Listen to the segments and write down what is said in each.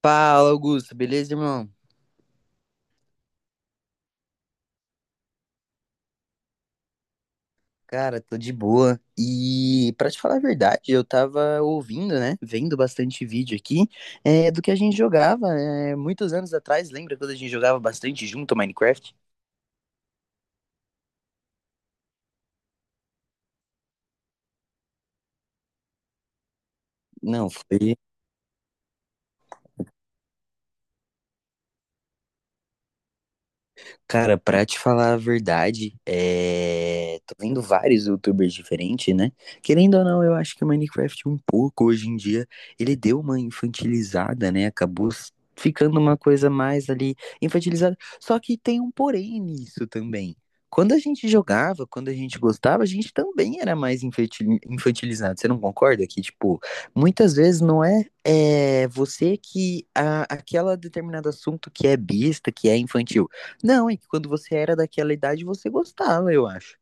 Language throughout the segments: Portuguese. Fala, Augusto, beleza, irmão? Cara, tô de boa. E pra te falar a verdade, eu tava ouvindo, né? Vendo bastante vídeo aqui do que a gente jogava muitos anos atrás. Lembra quando a gente jogava bastante junto ao Minecraft? Não, foi. Cara, pra te falar a verdade, tô vendo vários youtubers diferentes, né? Querendo ou não, eu acho que o Minecraft um pouco hoje em dia, ele deu uma infantilizada, né? Acabou ficando uma coisa mais ali infantilizada. Só que tem um porém nisso também. Quando a gente jogava, quando a gente gostava, a gente também era mais infantilizado. Você não concorda que, tipo, muitas vezes não é você que aquela determinado assunto que é besta, que é infantil. Não, é que quando você era daquela idade, você gostava, eu acho.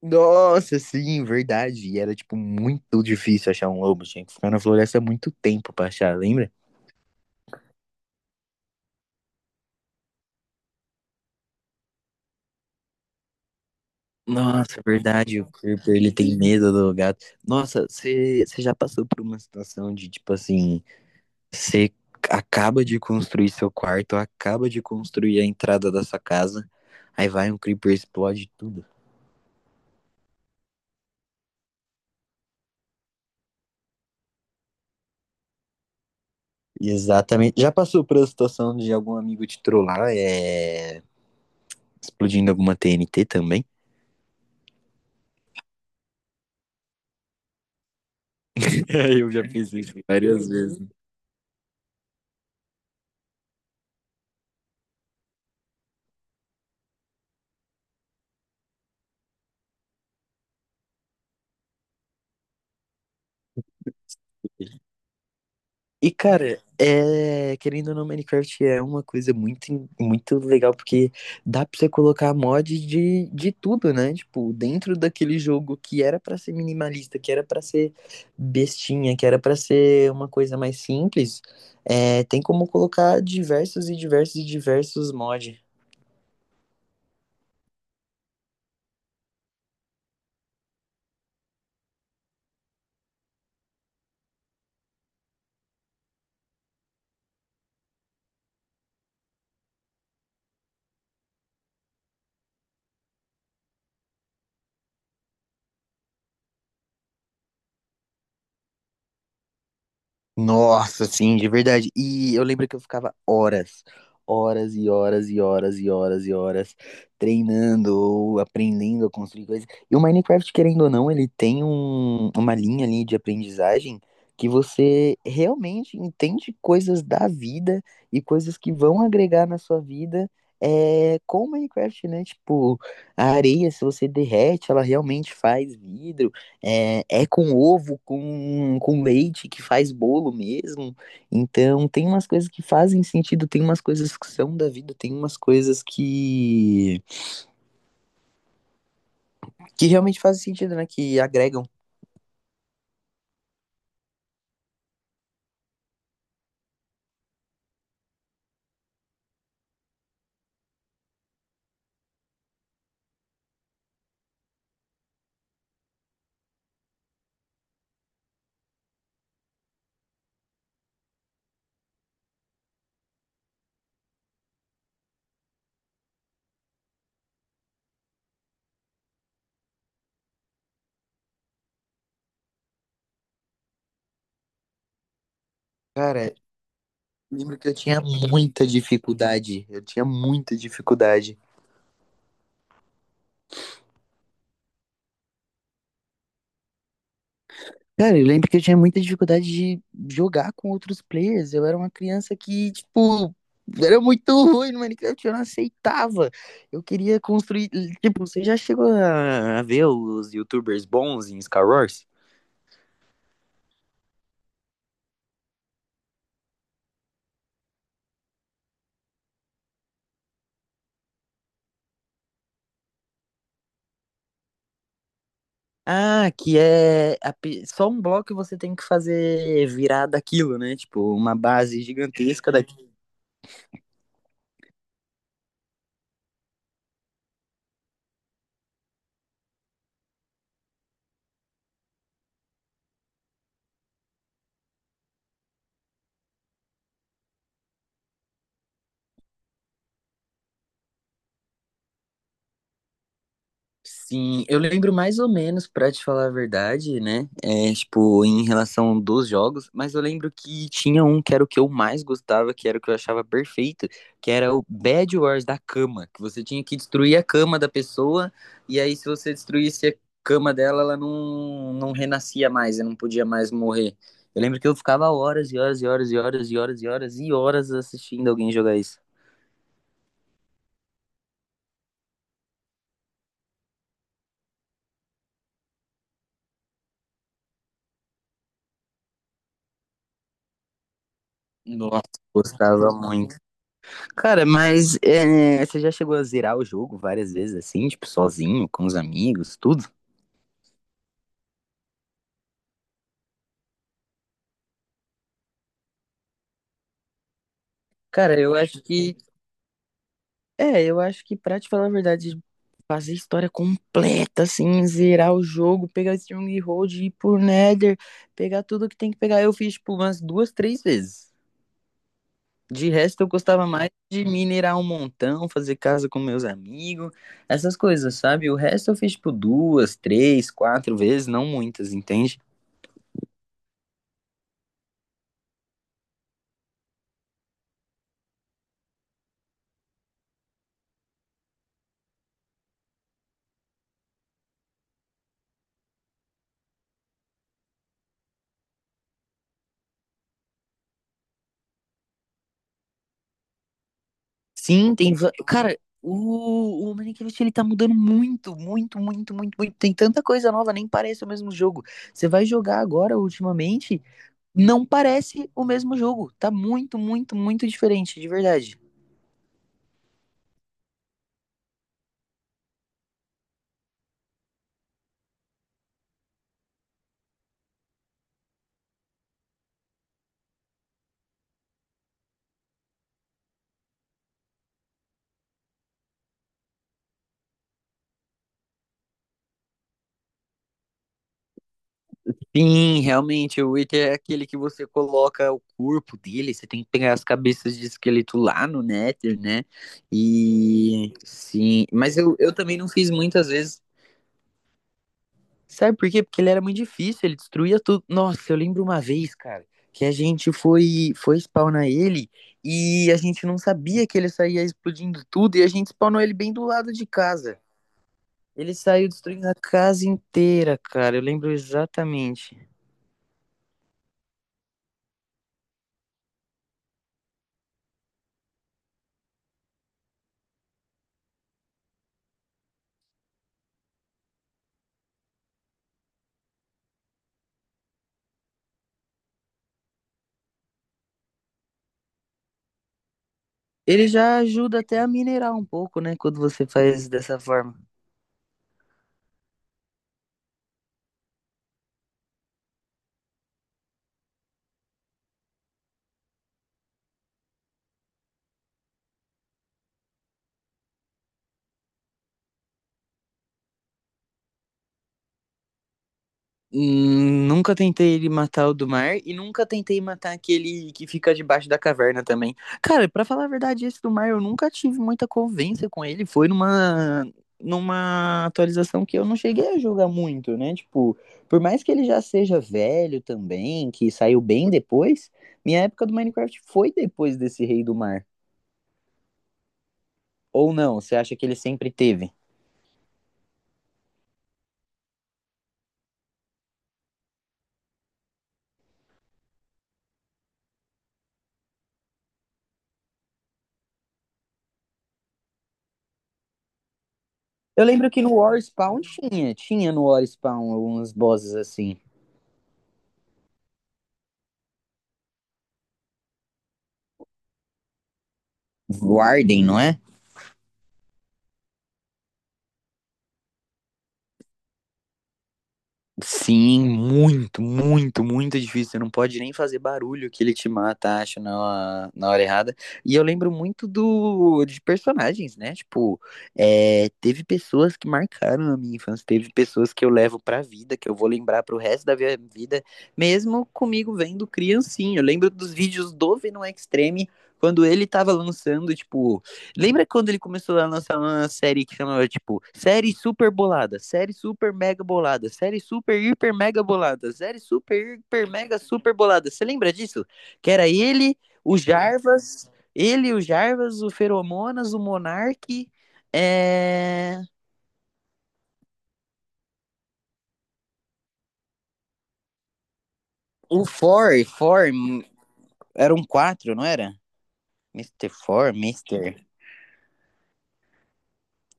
Nossa, sim, verdade. E era, tipo, muito difícil achar um lobo. Tinha que ficar na floresta muito tempo pra achar, lembra? Nossa, verdade. O Creeper, ele tem medo do gato. Nossa, você já passou por uma situação de, tipo, assim, você acaba de construir seu quarto, acaba de construir a entrada da sua casa, aí vai um Creeper e explode tudo. Exatamente. Já passou por a situação de algum amigo te trollar? É. Explodindo alguma TNT também. Eu já fiz isso várias vezes. E, cara, querendo ou não, Minecraft é uma coisa muito, muito legal, porque dá pra você colocar mod de tudo, né? Tipo, dentro daquele jogo que era pra ser minimalista, que era pra ser bestinha, que era pra ser uma coisa mais simples, tem como colocar diversos e diversos e diversos mods. Nossa, sim, de verdade. E eu lembro que eu ficava horas, horas e horas e horas e horas e horas treinando ou aprendendo a construir coisas. E o Minecraft, querendo ou não, ele tem uma linha ali de aprendizagem que você realmente entende coisas da vida e coisas que vão agregar na sua vida. É, com o Minecraft, né? Tipo, a areia, se você derrete, ela realmente faz vidro. É, é com ovo, com leite que faz bolo mesmo. Então, tem umas coisas que fazem sentido, tem umas coisas que são da vida, tem umas coisas que realmente fazem sentido, né? Que agregam. Cara, lembro que eu tinha muita dificuldade. Eu tinha muita dificuldade. Cara, eu lembro que eu tinha muita dificuldade de jogar com outros players. Eu era uma criança que, tipo, era muito ruim no Minecraft, eu não aceitava. Eu queria construir. Tipo, você já chegou a ver os YouTubers bons em Skywars? Ah, que é só um bloco e você tem que fazer virar daquilo, né? Tipo, uma base gigantesca. Sim, eu lembro mais ou menos, pra te falar a verdade, né? É, tipo, em relação dos jogos, mas eu lembro que tinha um que era o que eu mais gostava, que era o que eu achava perfeito, que era o Bed Wars da cama, que você tinha que destruir a cama da pessoa, e aí se você destruísse a cama dela, ela não renascia mais, ela não podia mais morrer. Eu lembro que eu ficava horas e horas e horas e horas e horas e horas e horas assistindo alguém jogar isso. Nossa, gostava muito. Cara, mas é, você já chegou a zerar o jogo várias vezes assim, tipo, sozinho, com os amigos, tudo? Cara, eu acho que. É, eu acho que pra te falar a verdade, fazer história completa, assim, zerar o jogo, pegar Strong Hold, ir por Nether, pegar tudo que tem que pegar. Eu fiz, tipo, umas duas, três vezes. De resto, eu gostava mais de minerar um montão, fazer casa com meus amigos, essas coisas, sabe? O resto eu fiz, tipo, duas, três, quatro vezes, não muitas, entende? Sim, tem. Cara, o Minecraft ele tá mudando muito, muito, muito, muito, muito. Tem tanta coisa nova, nem parece o mesmo jogo. Você vai jogar agora, ultimamente, não parece o mesmo jogo. Tá muito, muito, muito diferente, de verdade. Sim, realmente, o Witcher é aquele que você coloca o corpo dele, você tem que pegar as cabeças de esqueleto lá no Nether, né? E sim, mas eu também não fiz muitas vezes. Sabe por quê? Porque ele era muito difícil, ele destruía tudo. Nossa, eu lembro uma vez, cara, que a gente foi, foi spawnar ele e a gente não sabia que ele saía explodindo tudo e a gente spawnou ele bem do lado de casa. Ele saiu destruindo a casa inteira, cara. Eu lembro exatamente. Ele já ajuda até a minerar um pouco, né? Quando você faz dessa forma. Nunca tentei ele matar o do mar e nunca tentei matar aquele que fica debaixo da caverna também. Cara, pra falar a verdade, esse do mar eu nunca tive muita convivência com ele. Foi numa numa atualização que eu não cheguei a jogar muito, né? Tipo, por mais que ele já seja velho também, que saiu bem depois, minha época do Minecraft foi depois desse Rei do Mar. Ou não? Você acha que ele sempre teve? Eu lembro que no War Spawn tinha, tinha no War Spawn alguns bosses assim. Warden, não é? Sim, muito, muito, muito difícil. Você não pode nem fazer barulho que ele te mata, acho, na hora errada. E eu lembro muito do de personagens, né? Tipo, teve pessoas que marcaram a minha infância, teve pessoas que eu levo pra vida, que eu vou lembrar pro resto da minha vida, mesmo comigo vendo criancinha. Eu lembro dos vídeos do Venom Extreme, quando ele tava lançando, tipo. Lembra quando ele começou a lançar uma série que chamava, tipo, série super bolada, série super mega bolada, série super hiper mega bolada, série super hiper mega super bolada. Você lembra disso? Que era ele, o Jarvas, o Feromonas, o Monark, é... o For, eram quatro, não era? Mister For, Mister.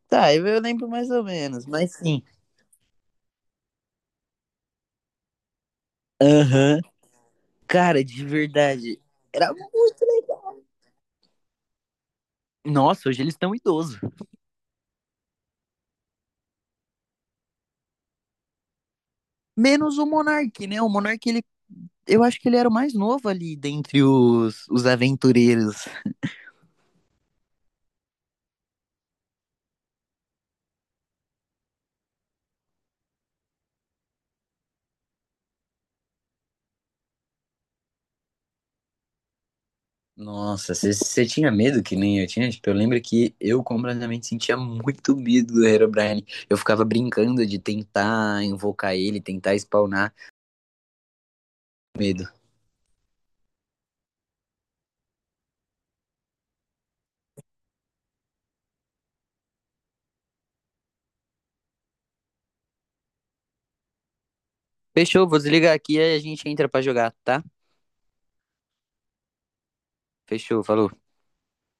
Tá, eu lembro mais ou menos, mas sim. Aham. Cara, de verdade. Era muito legal. Nossa, hoje eles estão idosos. Menos o Monark, né? O Monark, ele, eu acho que ele era o mais novo ali dentre os aventureiros. Nossa, você tinha medo que nem eu tinha? Tipo, eu lembro que eu completamente sentia muito medo do Herobrine. Eu ficava brincando de tentar invocar ele, tentar spawnar. Medo. Fechou, vou desligar aqui e a gente entra pra jogar, tá? Fechou, falou.